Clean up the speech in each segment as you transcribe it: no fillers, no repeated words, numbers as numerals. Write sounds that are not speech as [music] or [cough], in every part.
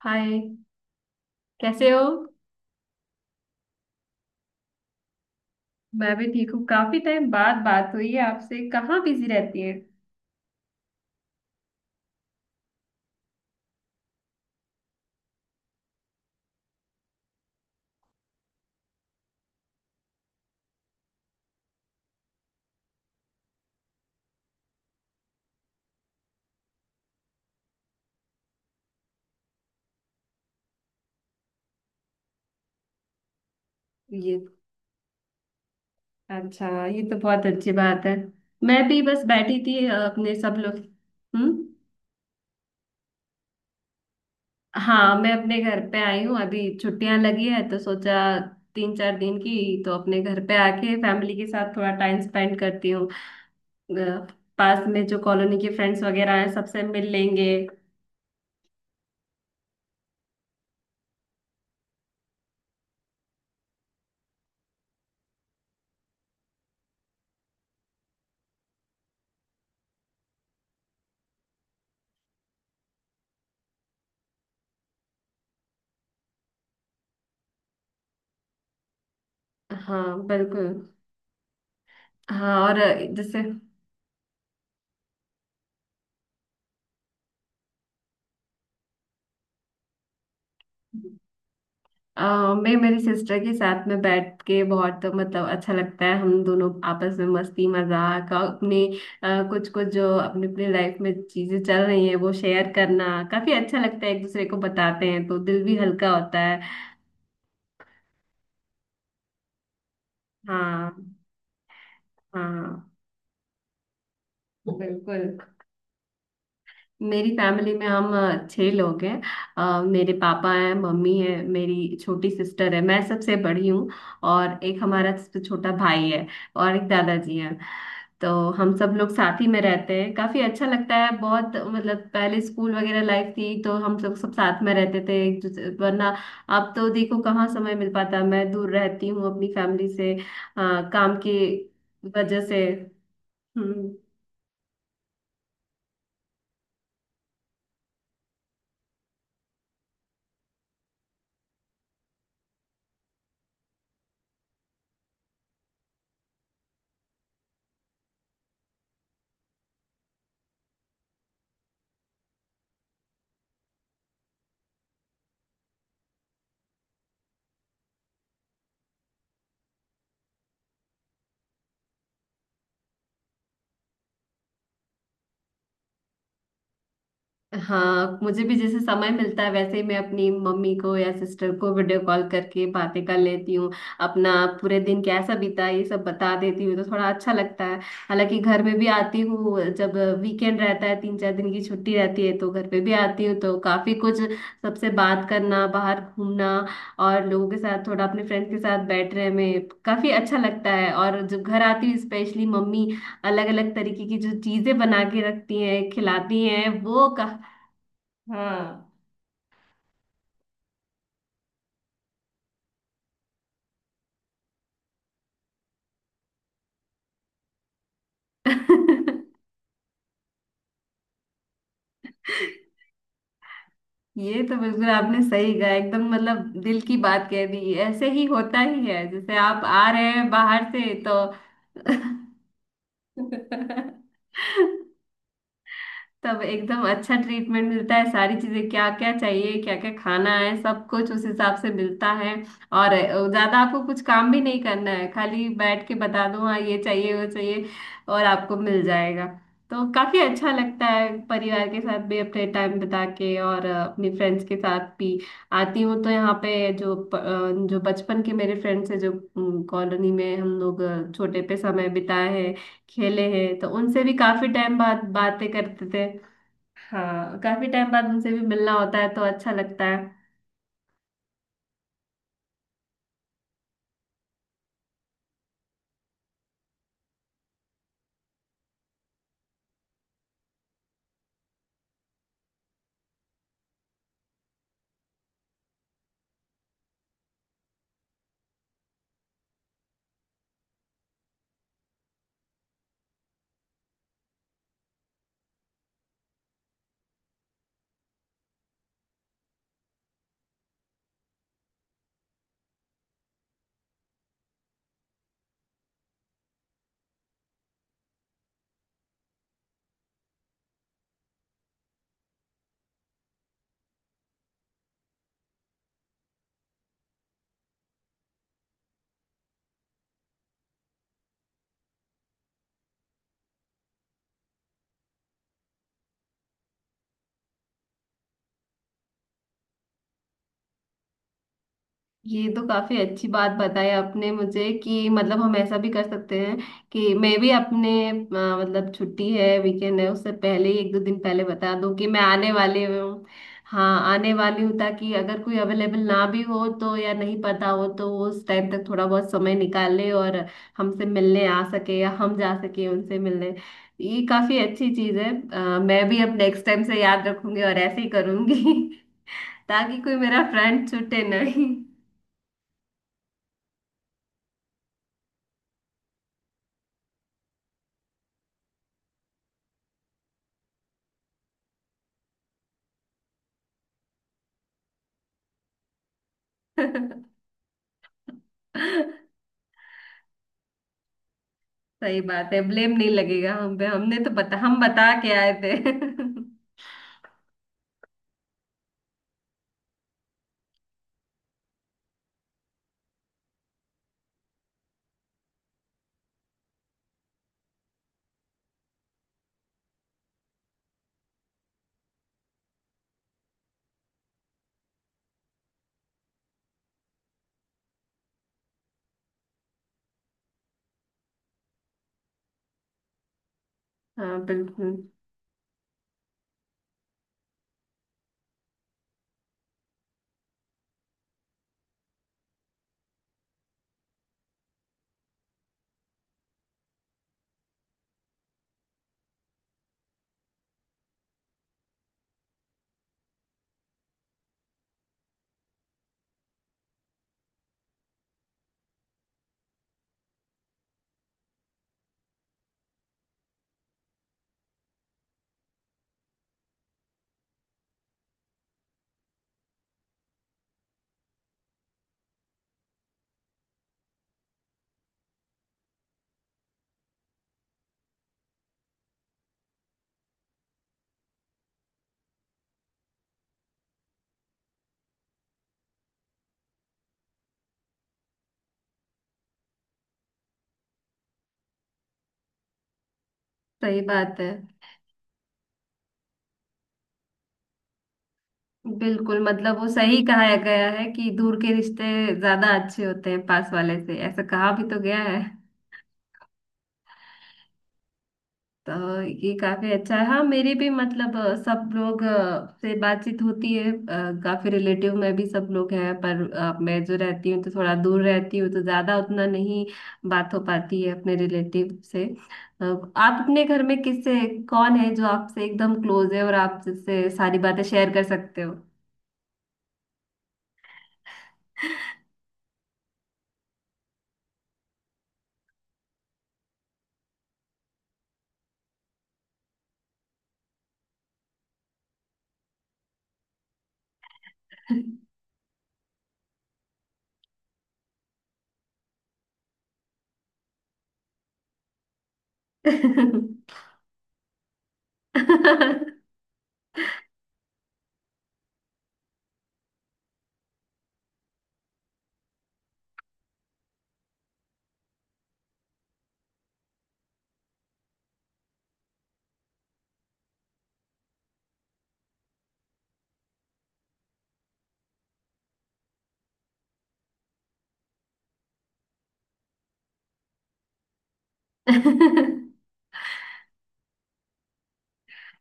हाय। कैसे हो। मैं भी ठीक हूँ। काफी टाइम बाद बात हुई है आपसे। कहाँ बिजी रहती है। ये। अच्छा, ये तो बहुत अच्छी बात है। मैं भी बस बैठी थी, अपने सब लोग। हम्म। हाँ, मैं अपने घर पे आई हूँ। अभी छुट्टियां लगी है तो सोचा 3-4 दिन की। तो अपने घर पे आके फैमिली के साथ थोड़ा टाइम स्पेंड करती हूँ। अ, पास में जो कॉलोनी के फ्रेंड्स वगैरह हैं सबसे मिल लेंगे। हाँ, बिल्कुल। हाँ, और जैसे मैं मेरी सिस्टर के साथ में बैठ के बहुत मतलब अच्छा लगता है। हम दोनों आपस में मस्ती मजाक और अपने कुछ कुछ जो अपने अपने लाइफ में चीजें चल रही हैं वो शेयर करना काफी अच्छा लगता है। एक दूसरे को बताते हैं तो दिल भी हल्का होता है। हाँ। हाँ, बिल्कुल। मेरी फैमिली में हम छह लोग हैं। मेरे पापा हैं, मम्मी है, मेरी छोटी सिस्टर है, मैं सबसे बड़ी हूँ। और एक हमारा सबसे छोटा भाई है। और एक दादाजी हैं। तो हम सब लोग साथ ही में रहते हैं, काफी अच्छा लगता है। बहुत, मतलब पहले स्कूल वगैरह लाइफ थी तो हम सब सब साथ में रहते थे एक दूसरे, वरना अब तो देखो कहाँ समय मिल पाता। मैं दूर रहती हूँ अपनी फैमिली से, काम की वजह से। हम्म। हाँ, मुझे भी जैसे समय मिलता है वैसे ही मैं अपनी मम्मी को या सिस्टर को वीडियो कॉल करके बातें कर लेती हूँ। अपना पूरे दिन कैसा बीता ये सब बता देती हूँ तो थोड़ा अच्छा लगता है। हालांकि घर में भी आती हूँ, जब वीकेंड रहता है 3-4 दिन की छुट्टी रहती है तो घर पे भी आती हूँ, तो काफी कुछ। सबसे बात करना, बाहर घूमना और लोगों के साथ, थोड़ा अपने फ्रेंड्स के साथ बैठने में काफी अच्छा लगता है। और जब घर आती हूँ, स्पेशली मम्मी अलग अलग तरीके की जो चीजें बना के रखती हैं, खिलाती हैं वो। हाँ। [laughs] ये तो बिल्कुल आपने सही कहा, एकदम मतलब दिल की बात कह दी। ऐसे ही होता ही है, जैसे आप आ रहे हैं बाहर से तो। [laughs] तब एकदम अच्छा ट्रीटमेंट मिलता है, सारी चीजें क्या क्या चाहिए, क्या क्या खाना है, सब कुछ उस हिसाब से मिलता है। और ज्यादा आपको कुछ काम भी नहीं करना है, खाली बैठ के बता दो हाँ ये चाहिए वो चाहिए, और आपको मिल जाएगा। तो काफी अच्छा लगता है परिवार के साथ भी अपने टाइम बिता के, और अपनी फ्रेंड्स के साथ भी आती हूँ तो यहाँ पे जो बचपन के मेरे फ्रेंड्स हैं, जो कॉलोनी में हम लोग छोटे पे समय बिताए हैं, खेले हैं, तो उनसे भी काफी टाइम बाद बातें करते थे। हाँ, काफी टाइम बाद उनसे भी मिलना होता है तो अच्छा लगता है। ये तो काफी अच्छी बात बताई आपने मुझे, कि मतलब हम ऐसा भी कर सकते हैं कि मैं भी अपने मतलब छुट्टी है, वीकेंड है, उससे पहले ही 1-2 दिन पहले बता दूं कि मैं आने वाली हूँ। हाँ, आने वाली हूँ, ताकि अगर कोई अवेलेबल ना भी हो तो, या नहीं पता हो तो, वो उस टाइम तक थोड़ा बहुत समय निकाले और हमसे मिलने आ सके या हम जा सके उनसे मिलने। ये काफी अच्छी चीज है, मैं भी अब नेक्स्ट टाइम से याद रखूंगी और ऐसे ही करूंगी। [laughs] ताकि कोई मेरा फ्रेंड छूटे नहीं। [laughs] सही बात है, ब्लेम नहीं लगेगा हम पे, हमने तो बता हम बता के आए थे। [laughs] हाँ, बिल्कुल सही बात है। बिल्कुल, मतलब वो सही कहा गया है कि दूर के रिश्ते ज्यादा अच्छे होते हैं पास वाले से, ऐसा कहा भी तो गया है। तो ये काफी अच्छा है। हाँ, मेरी भी मतलब सब लोग से बातचीत होती है, काफी रिलेटिव में भी सब लोग हैं, पर मैं जो रहती हूँ तो थोड़ा दूर रहती हूँ तो ज्यादा उतना नहीं बात हो पाती है अपने रिलेटिव से। आप अपने घर में किससे, कौन है जो आपसे एकदम क्लोज है और आप जिससे सारी बातें शेयर कर सकते हो।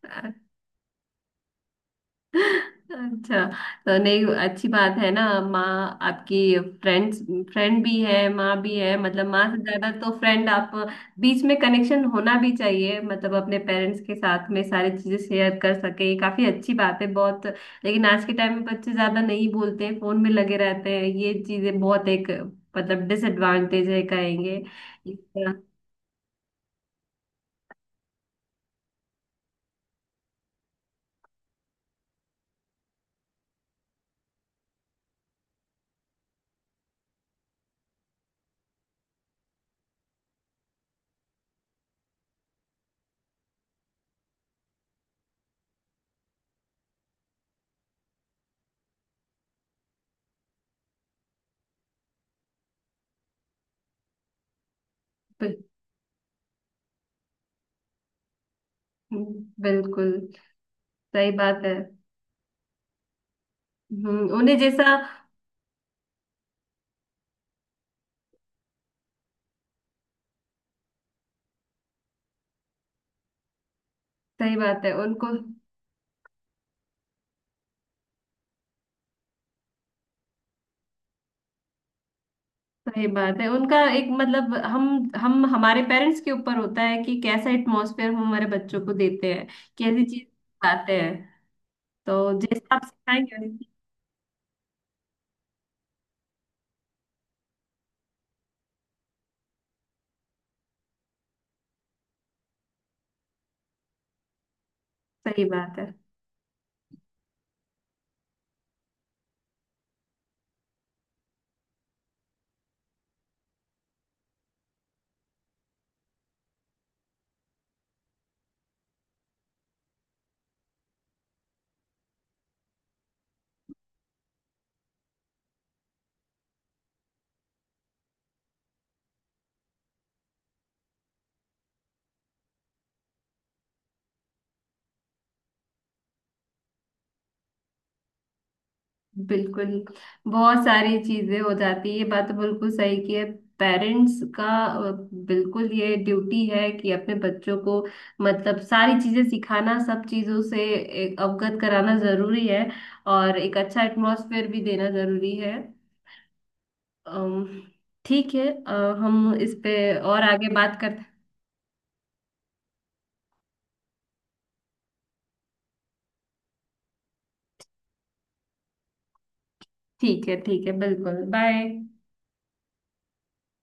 [laughs] अच्छा, तो नहीं, अच्छी बात है ना। माँ आपकी, फ्रेंड्स, फ्रेंड भी है, माँ भी है, मतलब माँ से ज्यादा तो फ्रेंड आप। बीच में कनेक्शन होना भी चाहिए, मतलब अपने पेरेंट्स के साथ में सारी चीजें शेयर कर सके, ये काफी अच्छी बात है बहुत। लेकिन आज के टाइम में बच्चे ज्यादा नहीं बोलते हैं, फोन में लगे रहते हैं, ये चीजें बहुत एक मतलब डिसएडवांटेज है, कहेंगे इसका। तो, बिल्कुल सही बात है। उन्हें जैसा। सही बात है उनको। सही बात है उनका, एक मतलब हम हमारे पेरेंट्स के ऊपर होता है कि कैसा एटमॉस्फेयर हम हमारे बच्चों को देते हैं, कैसी चीज सिखाते हैं। तो जैसा आप सिखाएंगे, सही बात है, बिल्कुल। बहुत सारी चीजें हो जाती है, ये बात तो बिल्कुल सही की है। पेरेंट्स का, बिल्कुल ये ड्यूटी है कि अपने बच्चों को मतलब सारी चीजें सिखाना, सब चीजों से एक अवगत कराना जरूरी है। और एक अच्छा एटमॉस्फेयर भी देना जरूरी है। अम, ठीक है, हम इस पे और आगे बात करते। ठीक है, ठीक है, बिल्कुल। बाय।